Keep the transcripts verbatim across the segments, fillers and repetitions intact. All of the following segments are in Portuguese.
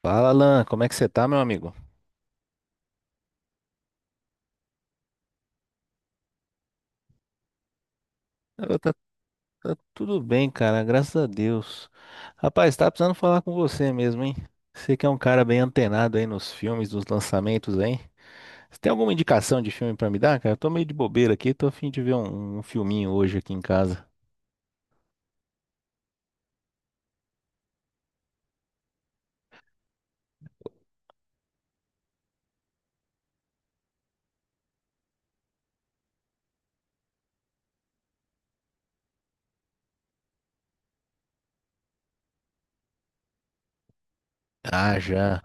Fala, Alan, como é que você tá, meu amigo? Eu, tá, tá tudo bem, cara, graças a Deus. Rapaz, tá precisando falar com você mesmo, hein? Você que é um cara bem antenado aí nos filmes, nos lançamentos, hein? Você tem alguma indicação de filme pra me dar, cara? Eu tô meio de bobeira aqui, tô a fim de ver um, um filminho hoje aqui em casa. Ah, já.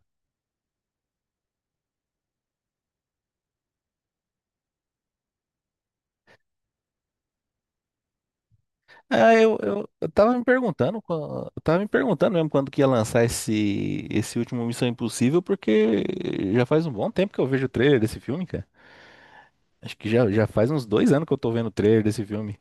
Ah, eu, eu, eu tava me perguntando, quan- eu tava me perguntando mesmo quando que ia lançar esse, esse último Missão Impossível, porque já faz um bom tempo que eu vejo o trailer desse filme, cara. Acho que já, já faz uns dois anos que eu tô vendo o trailer desse filme.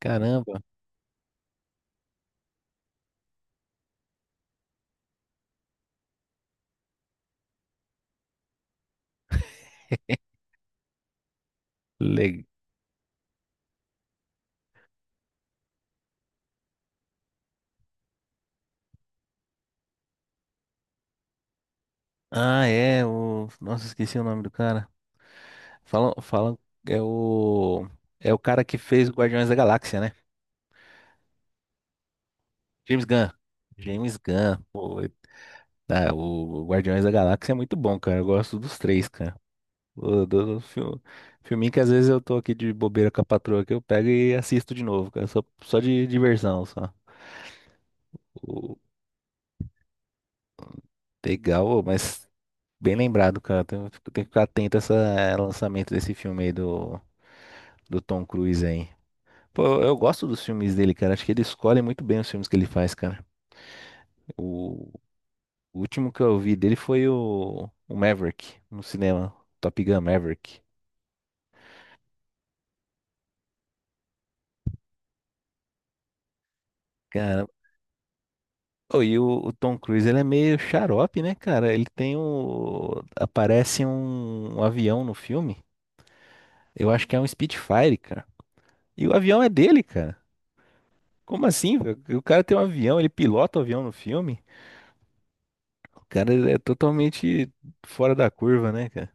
Caramba. Legal. Ah, é. O... Nossa, esqueci o nome do cara. Falam, falam. É o. É o cara que fez o Guardiões da Galáxia, né? James Gunn. James Gunn. Pô, e- ah, o Guardiões da Galáxia é muito bom, cara. Eu gosto dos três, cara. O, do, do fil- filminho que às vezes eu tô aqui de bobeira com a patroa que eu pego e assisto de novo, cara. Só, só de diversão, só. Legal, ô, mas bem lembrado, cara. Tem, tem que ficar atento a esse lançamento desse filme aí do, do Tom Cruise aí. Pô, eu, eu gosto dos filmes dele, cara. Acho que ele escolhe muito bem os filmes que ele faz, cara. O, o último que eu vi dele foi o, o Maverick, no cinema. Top Gun Maverick. Cara, ô, e o, o Tom Cruise, ele é meio xarope, né, cara? Ele tem o... Aparece um, um avião no filme. Eu acho que é um Spitfire, cara. E o avião é dele, cara. Como assim, velho? O cara tem um avião, ele pilota o avião no filme? O cara é totalmente fora da curva, né, cara?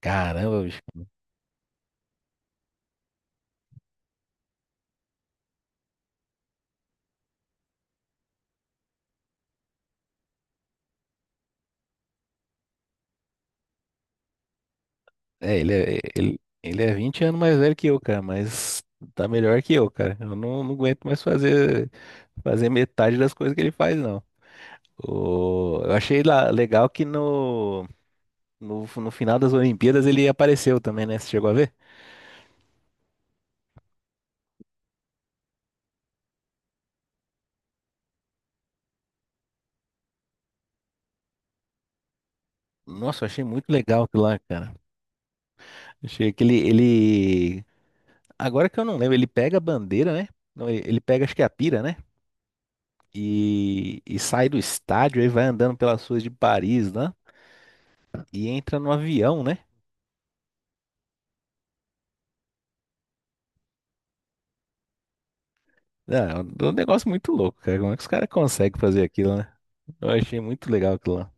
Caramba, bicho. É, ele é, ele, ele é vinte anos mais velho que eu, cara, mas tá melhor que eu, cara. Eu não, não aguento mais fazer, fazer metade das coisas que ele faz, não. O- eu achei lá- legal que no, no, no final das Olimpíadas ele apareceu também, né? Você chegou a ver? Nossa, eu achei muito legal aquilo lá, cara. Achei que ele, ele Agora que eu não lembro, ele pega a bandeira, né? Não, ele ele pega, acho que é a pira, né? E, e sai do estádio, aí vai andando pelas ruas de Paris, né? E entra no avião, né? Ah, É um é um negócio muito louco, cara. Como é que os caras conseguem fazer aquilo, né? Eu achei muito legal aquilo lá.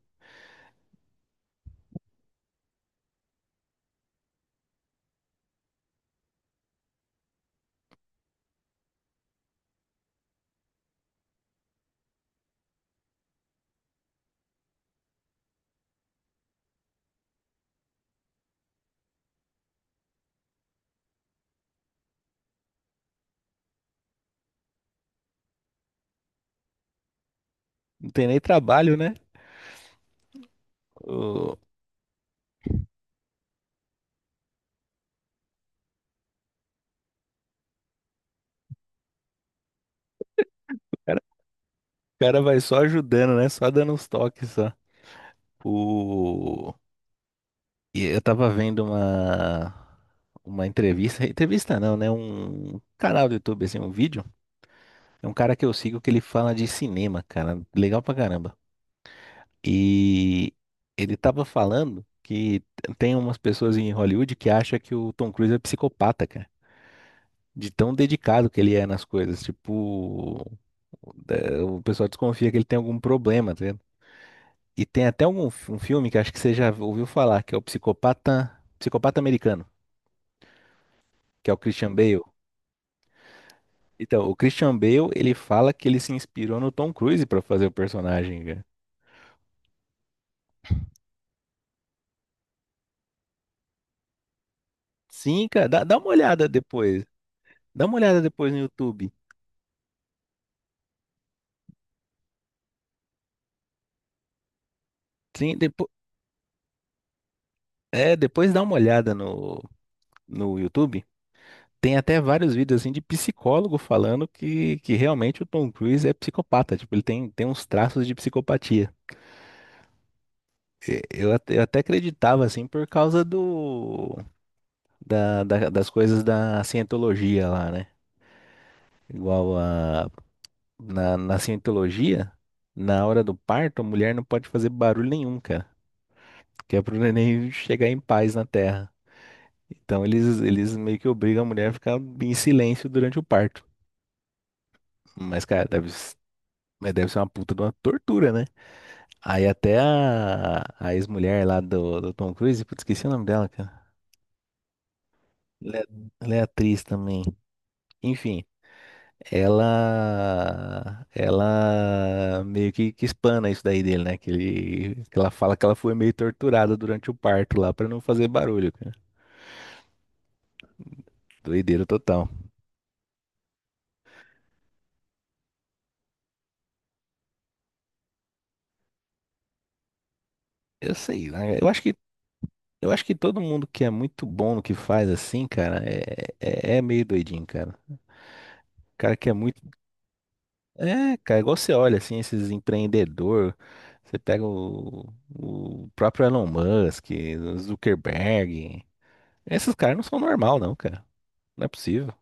Não tem nem trabalho, né? O, o cara, o cara vai só ajudando, né? Só dando uns toques, só. O, e eu tava vendo uma, uma entrevista, entrevista não, né? Um canal do YouTube, assim, um vídeo. É um cara que eu sigo que ele fala de cinema, cara. Legal pra caramba. E ele tava falando que tem umas pessoas em Hollywood que acham que o Tom Cruise é psicopata, cara. De tão dedicado que ele é nas coisas. Tipo, da- o pessoal desconfia que ele tem algum problema, tá vendo? E tem até algum fi- um filme que acho que você já ouviu falar, que é o Psicopata, Psicopata Americano, que é o Christian Bale. Então, o Christian Bale, ele fala que ele se inspirou no Tom Cruise pra fazer o personagem. Sim, cara, dá, dá uma olhada depois. Dá uma olhada depois no YouTube. Sim, depois, é, depois dá uma olhada no, no YouTube. Tem até vários vídeos assim de psicólogo falando que, que realmente o Tom Cruise é psicopata. Tipo, ele tem, tem uns traços de psicopatia. E- Eu, até- eu até acreditava assim por causa do da, da- das coisas da cientologia lá, né? Igual a, na, na cientologia, na hora do parto, a mulher não pode fazer barulho nenhum, cara. Que é pro neném chegar em paz na terra. Então eles, eles meio que obrigam a mulher a ficar em silêncio durante o parto. Mas, cara, deve, s- mas deve ser uma puta de uma tortura, né? Aí até a, a ex-mulher lá do, do Tom Cruise, putz, esqueci o nome dela, cara. Ela é, ela é atriz também. Enfim, ela ela meio que, que espana isso daí dele, né? Que, ele, que ela fala que ela foi meio torturada durante o parto lá pra não fazer barulho, cara. Doideira total. Eu sei, né? Eu acho que Eu acho que todo mundo que é muito bom no que faz assim, cara, é, é, é meio doidinho, cara. Cara que é muito. É, cara, igual você olha assim, esses empreendedor, você pega o, o próprio Elon Musk, o Zuckerberg. Esses caras não são normal, não, cara. Não é possível.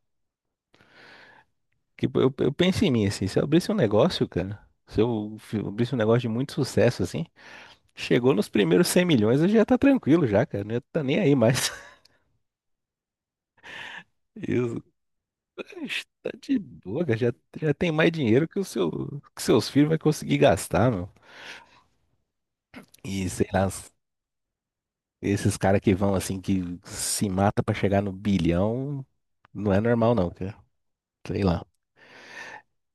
Que eu, eu penso em mim assim, se eu abrisse um negócio, cara, se eu fi- abrisse um negócio de muito sucesso assim, chegou nos primeiros cem milhões, eu já tá tranquilo já, cara. Não ia tá nem aí mais. Está de boa, cara. já, já tem mais dinheiro que o seu, que seus filhos vai conseguir gastar, meu. E sei lá, esses caras que vão assim, que se mata pra chegar no bilhão, não é normal não, cara. Sei lá.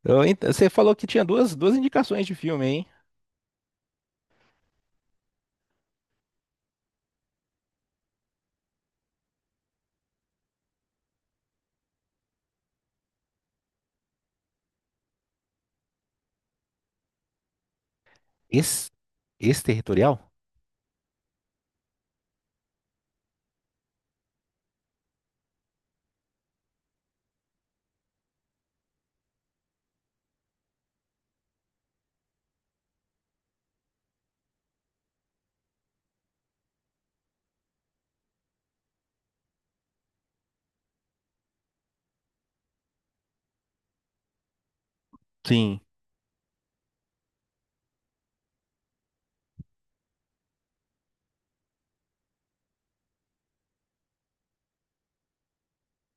Eu ent- Você falou que tinha duas, duas indicações de filme, hein? Esse, esse territorial? Sim.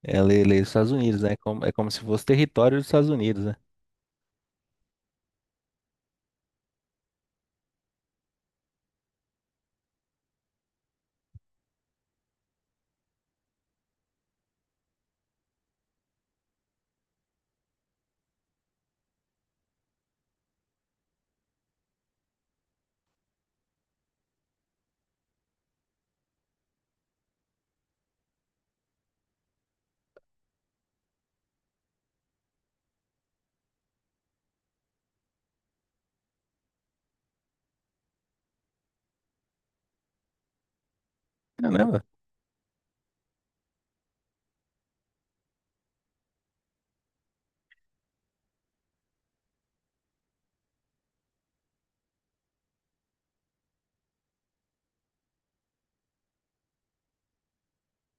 É lei, lei dos Estados Unidos, né? É Como- É como se fosse território dos Estados Unidos, né? Caramba,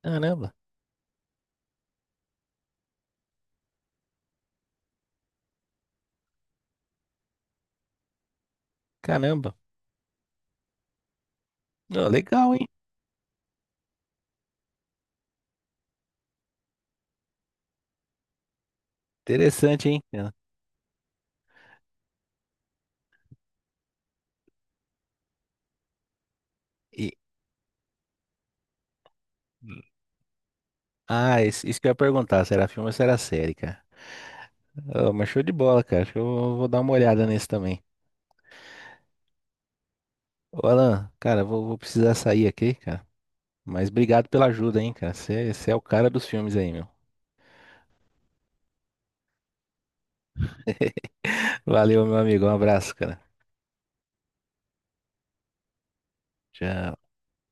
caramba, caramba. Ó, legal, hein? Interessante, hein? É. E, ah, isso, isso que eu ia perguntar, se era filme ou se era série, cara. Ó, mas show de bola, cara. Acho que eu vou vou dar uma olhada nesse também. Ô, Alan, cara, vou, vou precisar sair aqui, cara. Mas obrigado pela ajuda, hein, cara. Você é o cara dos filmes aí, meu. Valeu, meu amigo. Um abraço, cara. Tchau.